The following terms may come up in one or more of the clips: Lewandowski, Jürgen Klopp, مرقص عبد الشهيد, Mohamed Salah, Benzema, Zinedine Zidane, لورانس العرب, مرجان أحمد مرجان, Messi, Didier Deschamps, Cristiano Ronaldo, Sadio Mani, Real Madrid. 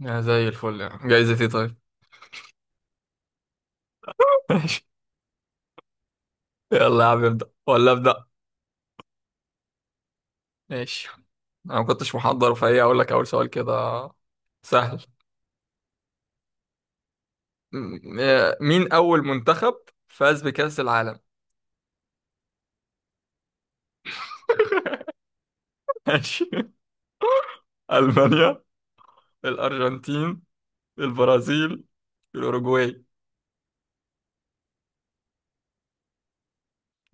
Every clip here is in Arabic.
يا زي الفل، يعني جايزة ايه؟ طيب. ماشي. يلا يا عم، ابدأ ولا ابدأ؟ ماشي، انا ما كنتش محضر فهي اقول لك اول سؤال كده سهل. مين اول منتخب فاز بكأس العالم؟ ماشي. ألمانيا، الأرجنتين، البرازيل، الأوروجواي.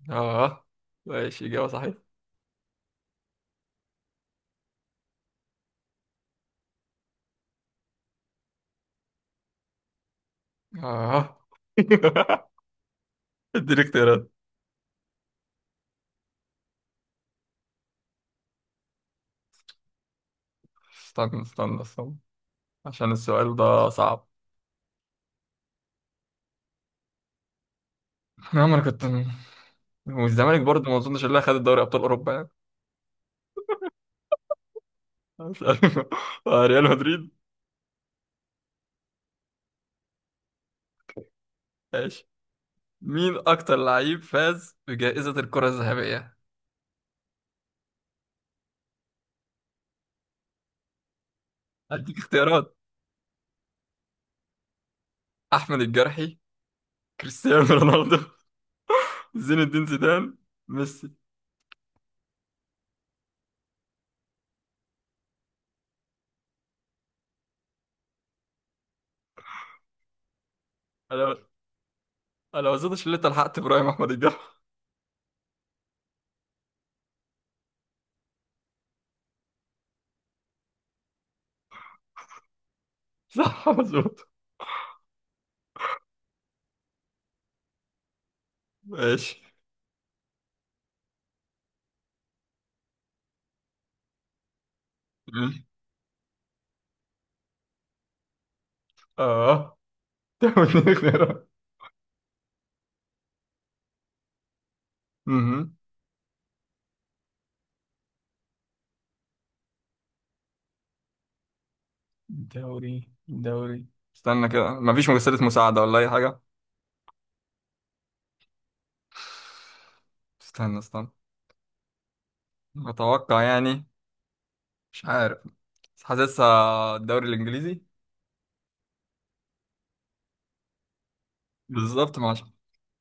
اه. ماشي، إجابة صحيحة. اه. اديني اختيارات. استنى استنى استنى، عشان السؤال ده صعب. نعم، انا كنت، والزمالك برضه ما اظنش اللي خد دوري ابطال اوروبا يعني. مش عارف. ريال مدريد. ماشي. مين اكتر لعيب فاز بجائزة الكرة الذهبية؟ هديك اختيارات: احمد الجرحي، كريستيانو رونالدو، زين الدين زيدان، ميسي. انا انا ما اظنش ان انت لحقت ابراهيم احمد الجرحي. صح، مظبوط. ماشي. اه، تعمل إيه؟ اختيارات مهم. دوري استنى كده، مفيش مجسدة مساعدة ولا اي حاجة؟ استنى استنى، اتوقع يعني، مش عارف، بس حاسسها الدوري الانجليزي. بالظبط، ما عشان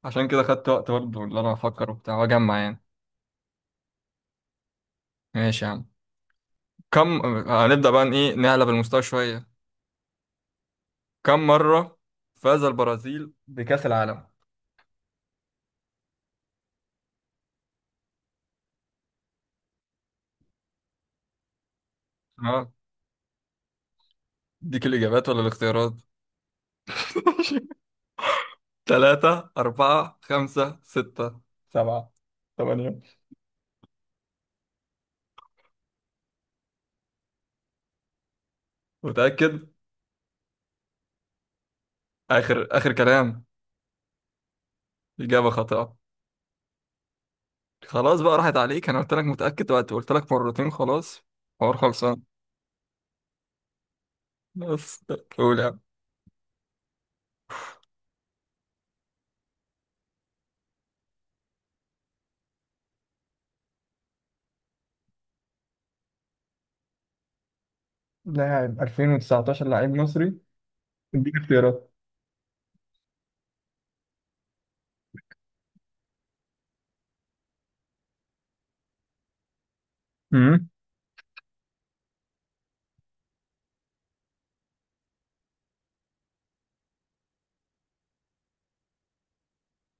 عشان كده خدت وقت برضه اللي انا افكر وبتاع واجمع يعني. ماشي يا عم. كم، هنبدأ بقى إن ايه، نعلى بالمستوى شوية. كم مرة فاز البرازيل بكأس العالم؟ اه، اديك الاجابات ولا الاختيارات؟ ثلاثة، أربعة، خمسة، ستة، سبعة، ثمانية. متأكد؟ آخر آخر كلام؟ إجابة خاطئة. خلاص بقى، راحت عليك. أنا قلت لك متأكد، وقت قلت لك مرتين، خلاص حوار خلصان. بس قول يا عم. لاعب 2019 لاعب مصري. اديني اختيارات. امم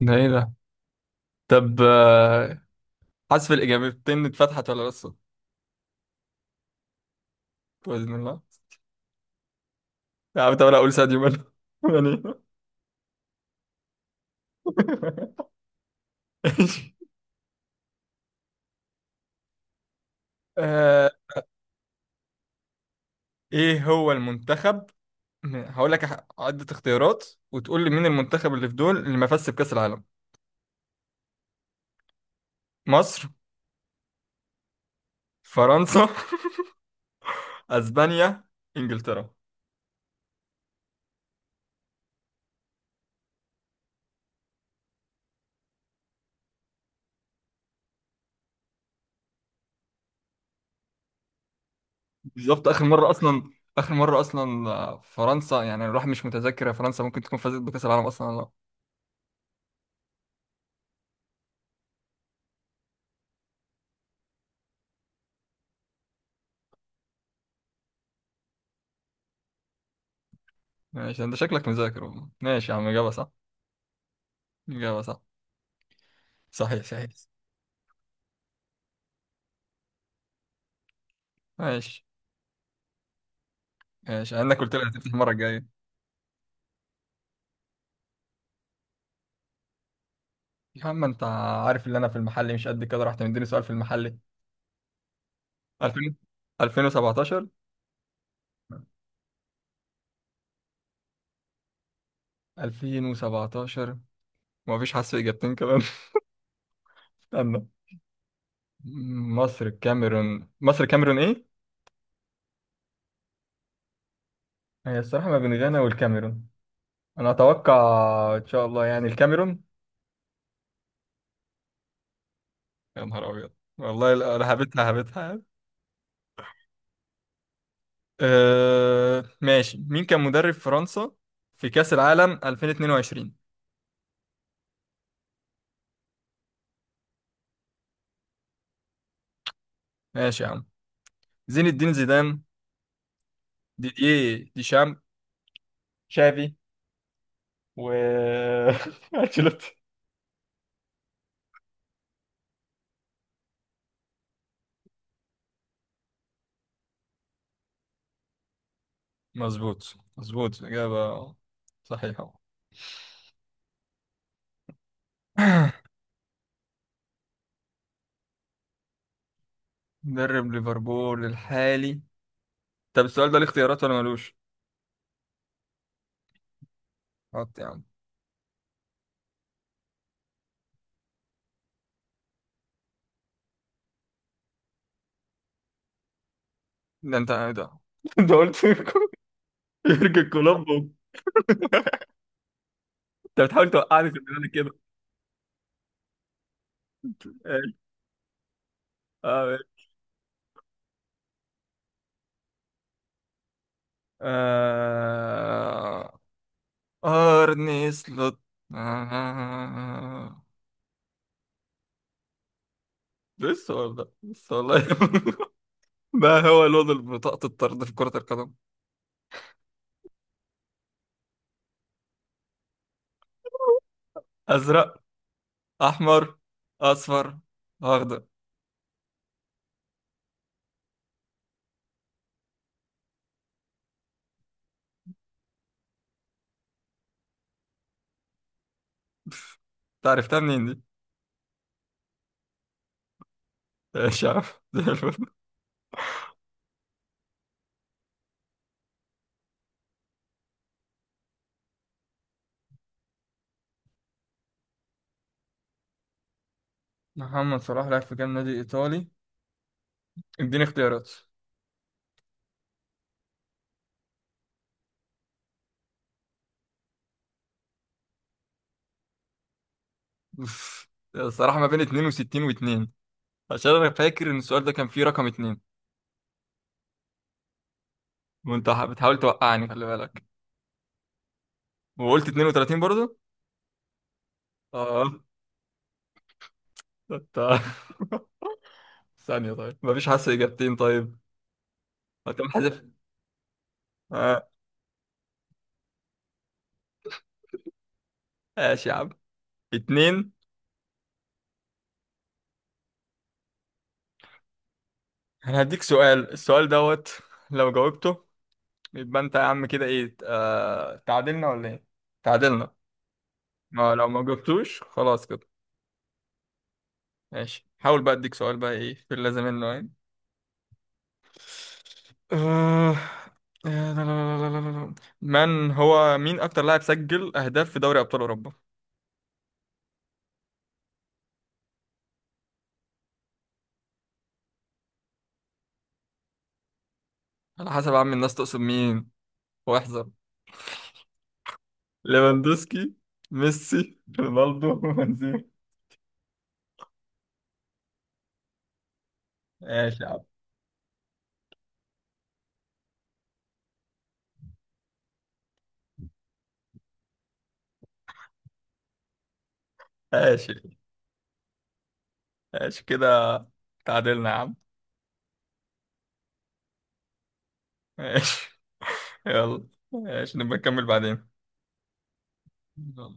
ده ايه ده؟ طب حذف الاجابتين اتفتحت ولا لسه؟ باذن الله. يا عم طب انا اقول ساديو ماني. ماني. إيش؟ آه، ايه هو المنتخب، هقول لك عدة اختيارات وتقول لي مين المنتخب اللي في دول اللي ما فازش بكأس العالم. مصر، فرنسا، اسبانيا، انجلترا. بالظبط، اخر مره اصلا، اخر مره اصلا فرنسا يعني. الواحد مش متذكر، يا فرنسا ممكن تكون فازت بكاس العالم اصلا ولا لا. ماشي، انت شكلك مذاكر والله. ماشي يا عم، اجابه صح. اجابه صح. صحيح صحيح. ماشي. ماشي، انا قلت لك هتفتح المره الجايه. يا عم انت عارف ان انا في المحل مش قد كده، رحت مديني سؤال في المحل. 2000، 2017. 2017، ومفيش؟ حاسس في اجابتين كمان. استنى. مصر، الكاميرون، مصر، الكاميرون، ايه هي الصراحه ما بين غانا والكاميرون. انا اتوقع، ان شاء الله، يعني الكاميرون. يا نهار ابيض، والله انا هبتها هبتها يعني. أه ماشي. مين كان مدرب فرنسا في كأس العالم 2022؟ ماشي يا عم. زين الدين زيدان، ديدييه ديشام، شافي، و انشيلوتي. مظبوط مظبوط، إجابة صحيحة. مدرب ليفربول الحالي. طب السؤال ده ليه اختيارات ولا ملوش؟ حط يا عم. ده انت ايه ده؟ انت قلت يورجن كلوب. انت بتحاول توقعني في الدنيا كده. اه. آه... أرني سلوت. آه... لسه والله، لسه والله. ما هو لون بطاقة الطرد في كرة القدم؟ أزرق، أحمر، أصفر، أخضر. أنت عرفتها منين دي؟ مش عارف. زي الفل. محمد صلاح لعب في كام نادي إيطالي؟ اديني اختيارات. أوف. الصراحة ما بين 62 و2، عشان أنا فاكر إن السؤال ده كان فيه رقم 2. وأنت بتحاول توقعني، خلي بالك. وقلت 32 برضه؟ اه. انت. ثانية، طيب مفيش حاسة إجابتين طيب؟ هتقوم حذف. آه. ماشي يا عم. اتنين. أنا هديك سؤال، السؤال دوت، لو جاوبته يبقى أنت يا عم كده إيه، تعادلنا ولا إيه؟ تعادلنا. آه، لو ما جاوبتوش خلاص كده. ماشي، حاول بقى، أديك سؤال بقى إيه في اللازم منه يعني. آه، لا لا لا لا لا لا. من هو، مين أكتر لاعب سجل أهداف في دوري أبطال أوروبا؟ على حسب يا عم، الناس تقصد مين؟ واحذر. ليفاندوسكي، ميسي، رونالدو، بنزيما. ماشي يا عم. ماشي ماشي كده، تعادلنا يا عم. ماشي، يلا، ماشي نبقى نكمل بعدين. يلا.